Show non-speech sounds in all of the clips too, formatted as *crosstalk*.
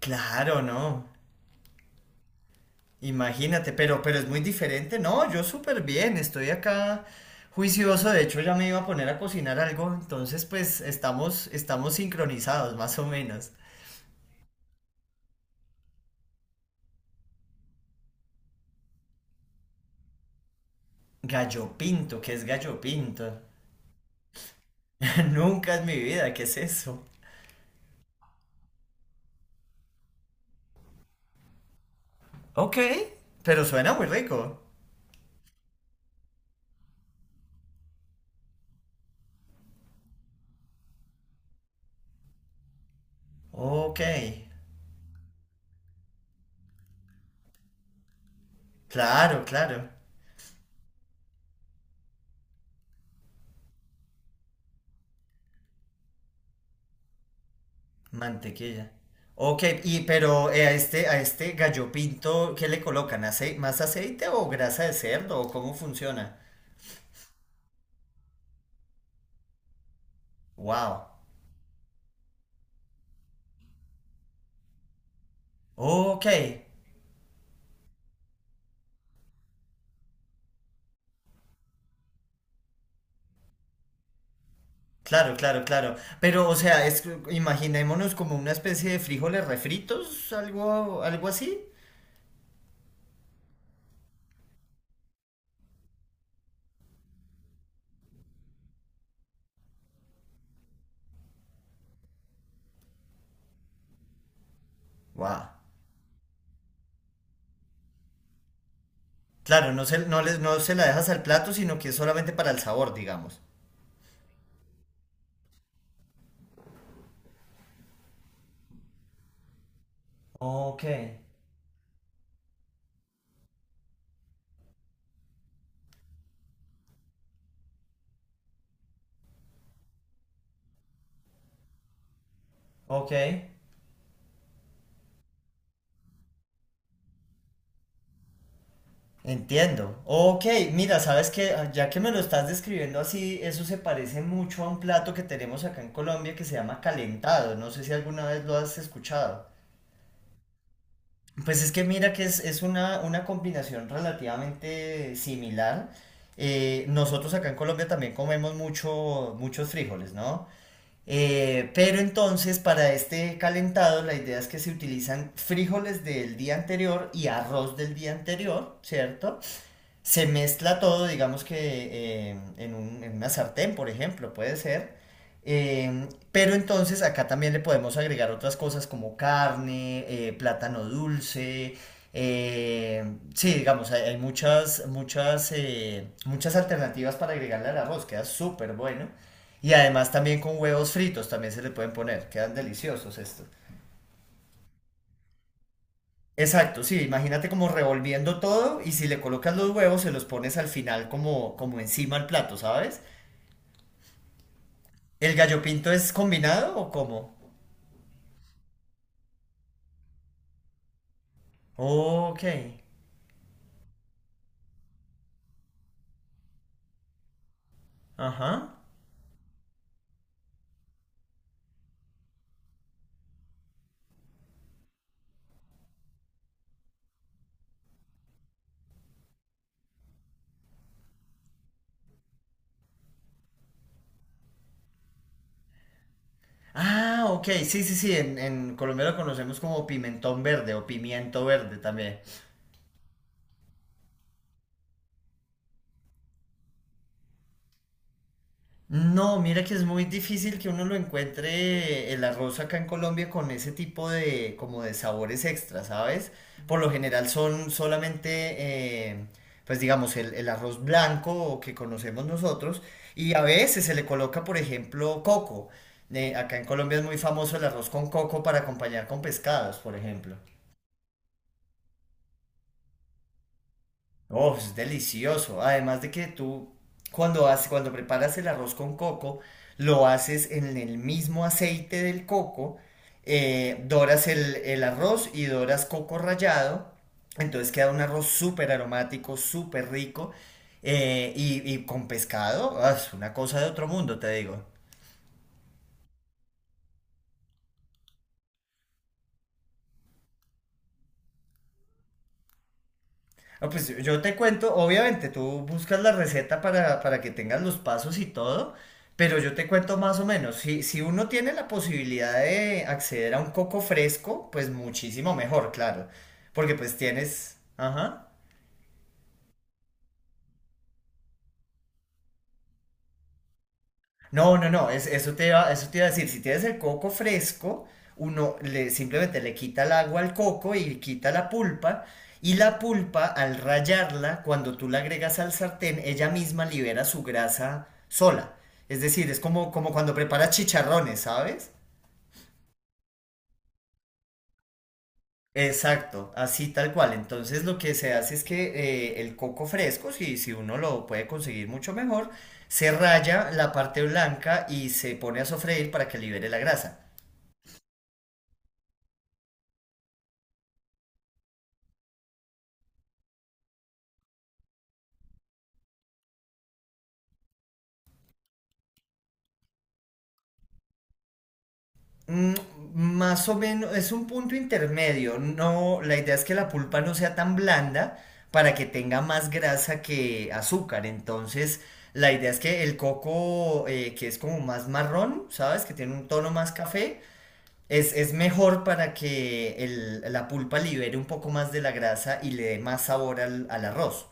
Claro, no. Imagínate, pero es muy diferente. No, yo súper bien, estoy acá juicioso. De hecho, ya me iba a poner a cocinar algo. Entonces, pues estamos sincronizados, más o menos. Gallo pinto, ¿qué es gallo pinto? *laughs* Nunca en mi vida, ¿qué es eso? Ok, pero suena muy rico. Ok, claro, claro. Mantequilla. Ok, y pero a este gallo pinto, ¿qué le colocan? ¿Acei- ¿Más aceite o grasa de cerdo? ¿O cómo funciona? Wow. Ok, claro, claro, claro. Pero, o sea, imaginémonos como una especie de frijoles refritos, algo, algo así. Wow. Claro, no se la dejas al plato, sino que es solamente para el sabor, digamos. Ok, ok. Entiendo. Ok, mira, sabes que ya que me lo estás describiendo así, eso se parece mucho a un plato que tenemos acá en Colombia que se llama calentado. No sé si alguna vez lo has escuchado. Pues es que mira que es una combinación relativamente similar. Nosotros acá en Colombia también comemos mucho, muchos frijoles, ¿no? Pero entonces para este calentado la idea es que se utilizan frijoles del día anterior y arroz del día anterior, ¿cierto? Se mezcla todo, digamos que en un- en una sartén, por ejemplo, puede ser. Pero entonces acá también le podemos agregar otras cosas como carne, plátano dulce. eh, sí, digamos, hay muchas, muchas, muchas alternativas para agregarle al arroz, queda súper bueno. Y además también con huevos fritos también se le pueden poner, quedan deliciosos esto. Exacto, sí, imagínate como revolviendo todo y si le colocas los huevos se los pones al final como, como encima al plato, ¿sabes? ¿El gallo pinto es combinado o cómo? Ok, ajá. Ah, ok, sí, sí, sí, en Colombia lo conocemos como pimentón verde o pimiento verde también. No, mira que es muy difícil que uno lo encuentre el arroz acá en Colombia con ese tipo de como de sabores extra, ¿sabes? Por lo general son solamente, eh, pues digamos, el arroz blanco que conocemos nosotros y a veces se le coloca, por ejemplo, coco. Acá en Colombia es muy famoso el arroz con coco para acompañar con pescados, por ejemplo. Oh, es delicioso. Además de que tú cuando haces, cuando preparas el arroz con coco, lo haces en el mismo aceite del coco, doras el arroz y doras coco rallado, entonces queda un arroz súper aromático, súper rico y con pescado, ah, es una cosa de otro mundo, te digo. No pues yo te cuento, obviamente tú buscas la receta para que tengas los pasos y todo, pero yo te cuento más o menos. Si, si uno tiene la posibilidad de acceder a un coco fresco, pues muchísimo mejor, claro, porque pues tienes... Ajá. No, no, no, es- eso te iba a decir, si tienes el coco fresco, uno le, simplemente le quita el agua al coco y quita la pulpa, y la pulpa al rallarla, cuando tú la agregas al sartén, ella misma libera su grasa sola. Es decir, es como, como cuando preparas chicharrones, ¿sabes? Exacto, así tal cual. Entonces lo que se hace es que el coco fresco, si, si uno lo puede conseguir mucho mejor, se raya la parte blanca y se pone a sofreír para que libere la grasa. Mm, más o menos, es un punto intermedio. No, la idea es que la pulpa no sea tan blanda para que tenga más grasa que azúcar. Entonces, la idea es que el coco, que es como más marrón, ¿sabes? Que tiene un tono más café, es mejor para que el- la pulpa libere un poco más de la grasa y le dé más sabor al, al arroz.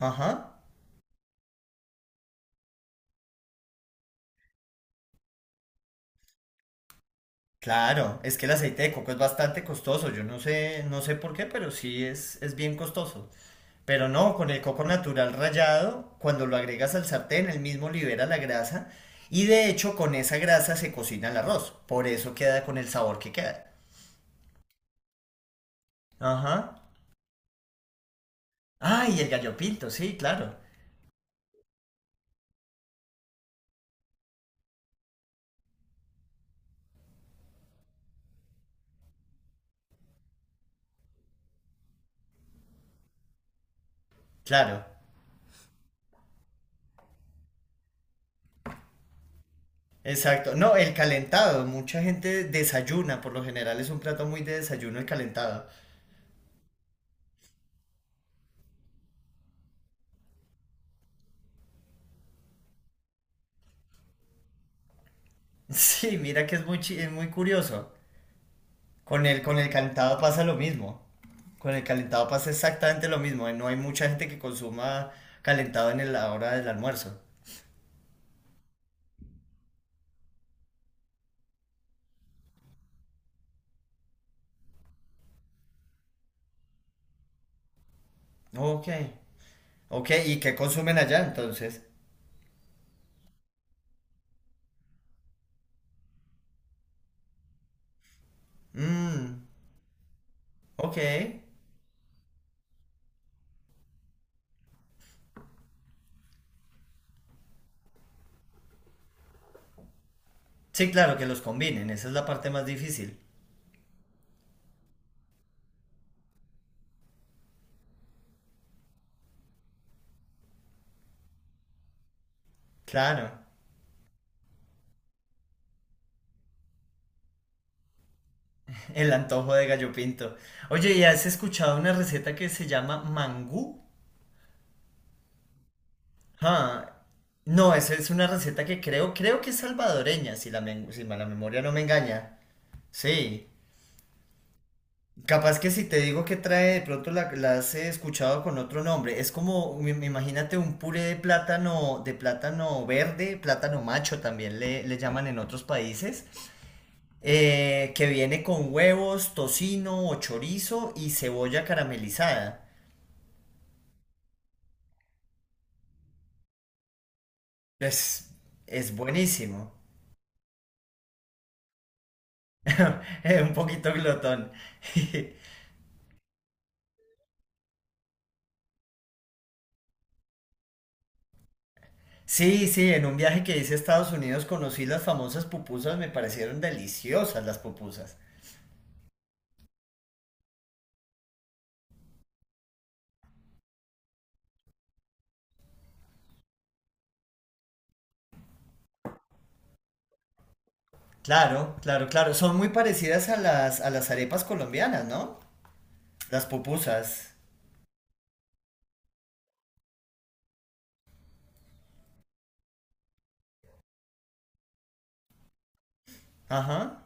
Ajá. Claro, es que el aceite de coco es bastante costoso. Yo no sé, no sé por qué, pero es bien costoso. Pero no, con el coco natural rallado, cuando lo agregas al sartén, él mismo libera la grasa y de hecho con esa grasa se cocina el arroz. Por eso queda con el sabor que queda. Ajá. Ah, y el gallo pinto, sí, claro. Claro. Exacto. No, el calentado. Mucha gente desayuna. Por lo general es un plato muy de desayuno el calentado. *laughs* Sí, mira que es muy, chi- es muy curioso. Con el calentado pasa lo mismo. Con el calentado pasa exactamente lo mismo. No hay mucha gente que consuma calentado en el- la hora del almuerzo. Ok. Ok, ¿y qué consumen allá entonces? Mmm, ok. Sí, claro, que los combinen. Esa es la parte más difícil. Claro, *laughs* el antojo de gallo pinto. Oye, ¿y has escuchado una receta que se llama mangú? Ah, no, esa es una receta que creo, creo que es salvadoreña, si la, men- si la memoria no me engaña. Sí. Capaz que si te digo que trae, de pronto la, la has escuchado con otro nombre. Es como, im- imagínate un puré de plátano verde, plátano macho también le llaman en otros países, que viene con huevos, tocino o chorizo y cebolla caramelizada. Es, es buenísimo. *laughs* Un poquito glotón. *laughs* Sí, sí, en un viaje que hice a Estados Unidos conocí las famosas pupusas, me parecieron deliciosas las pupusas. Claro, claro, claro. Son muy parecidas a las arepas colombianas, ¿no? Las pupusas. Ajá.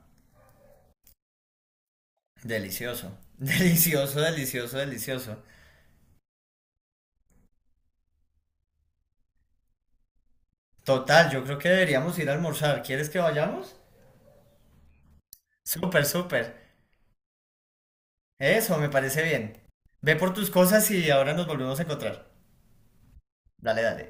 Delicioso. *laughs* Delicioso, delicioso, delicioso. Total, yo creo que deberíamos ir a almorzar. ¿Quieres que vayamos? Súper, súper. Eso, me parece bien. Ve por tus cosas y ahora nos volvemos a encontrar. Dale, dale.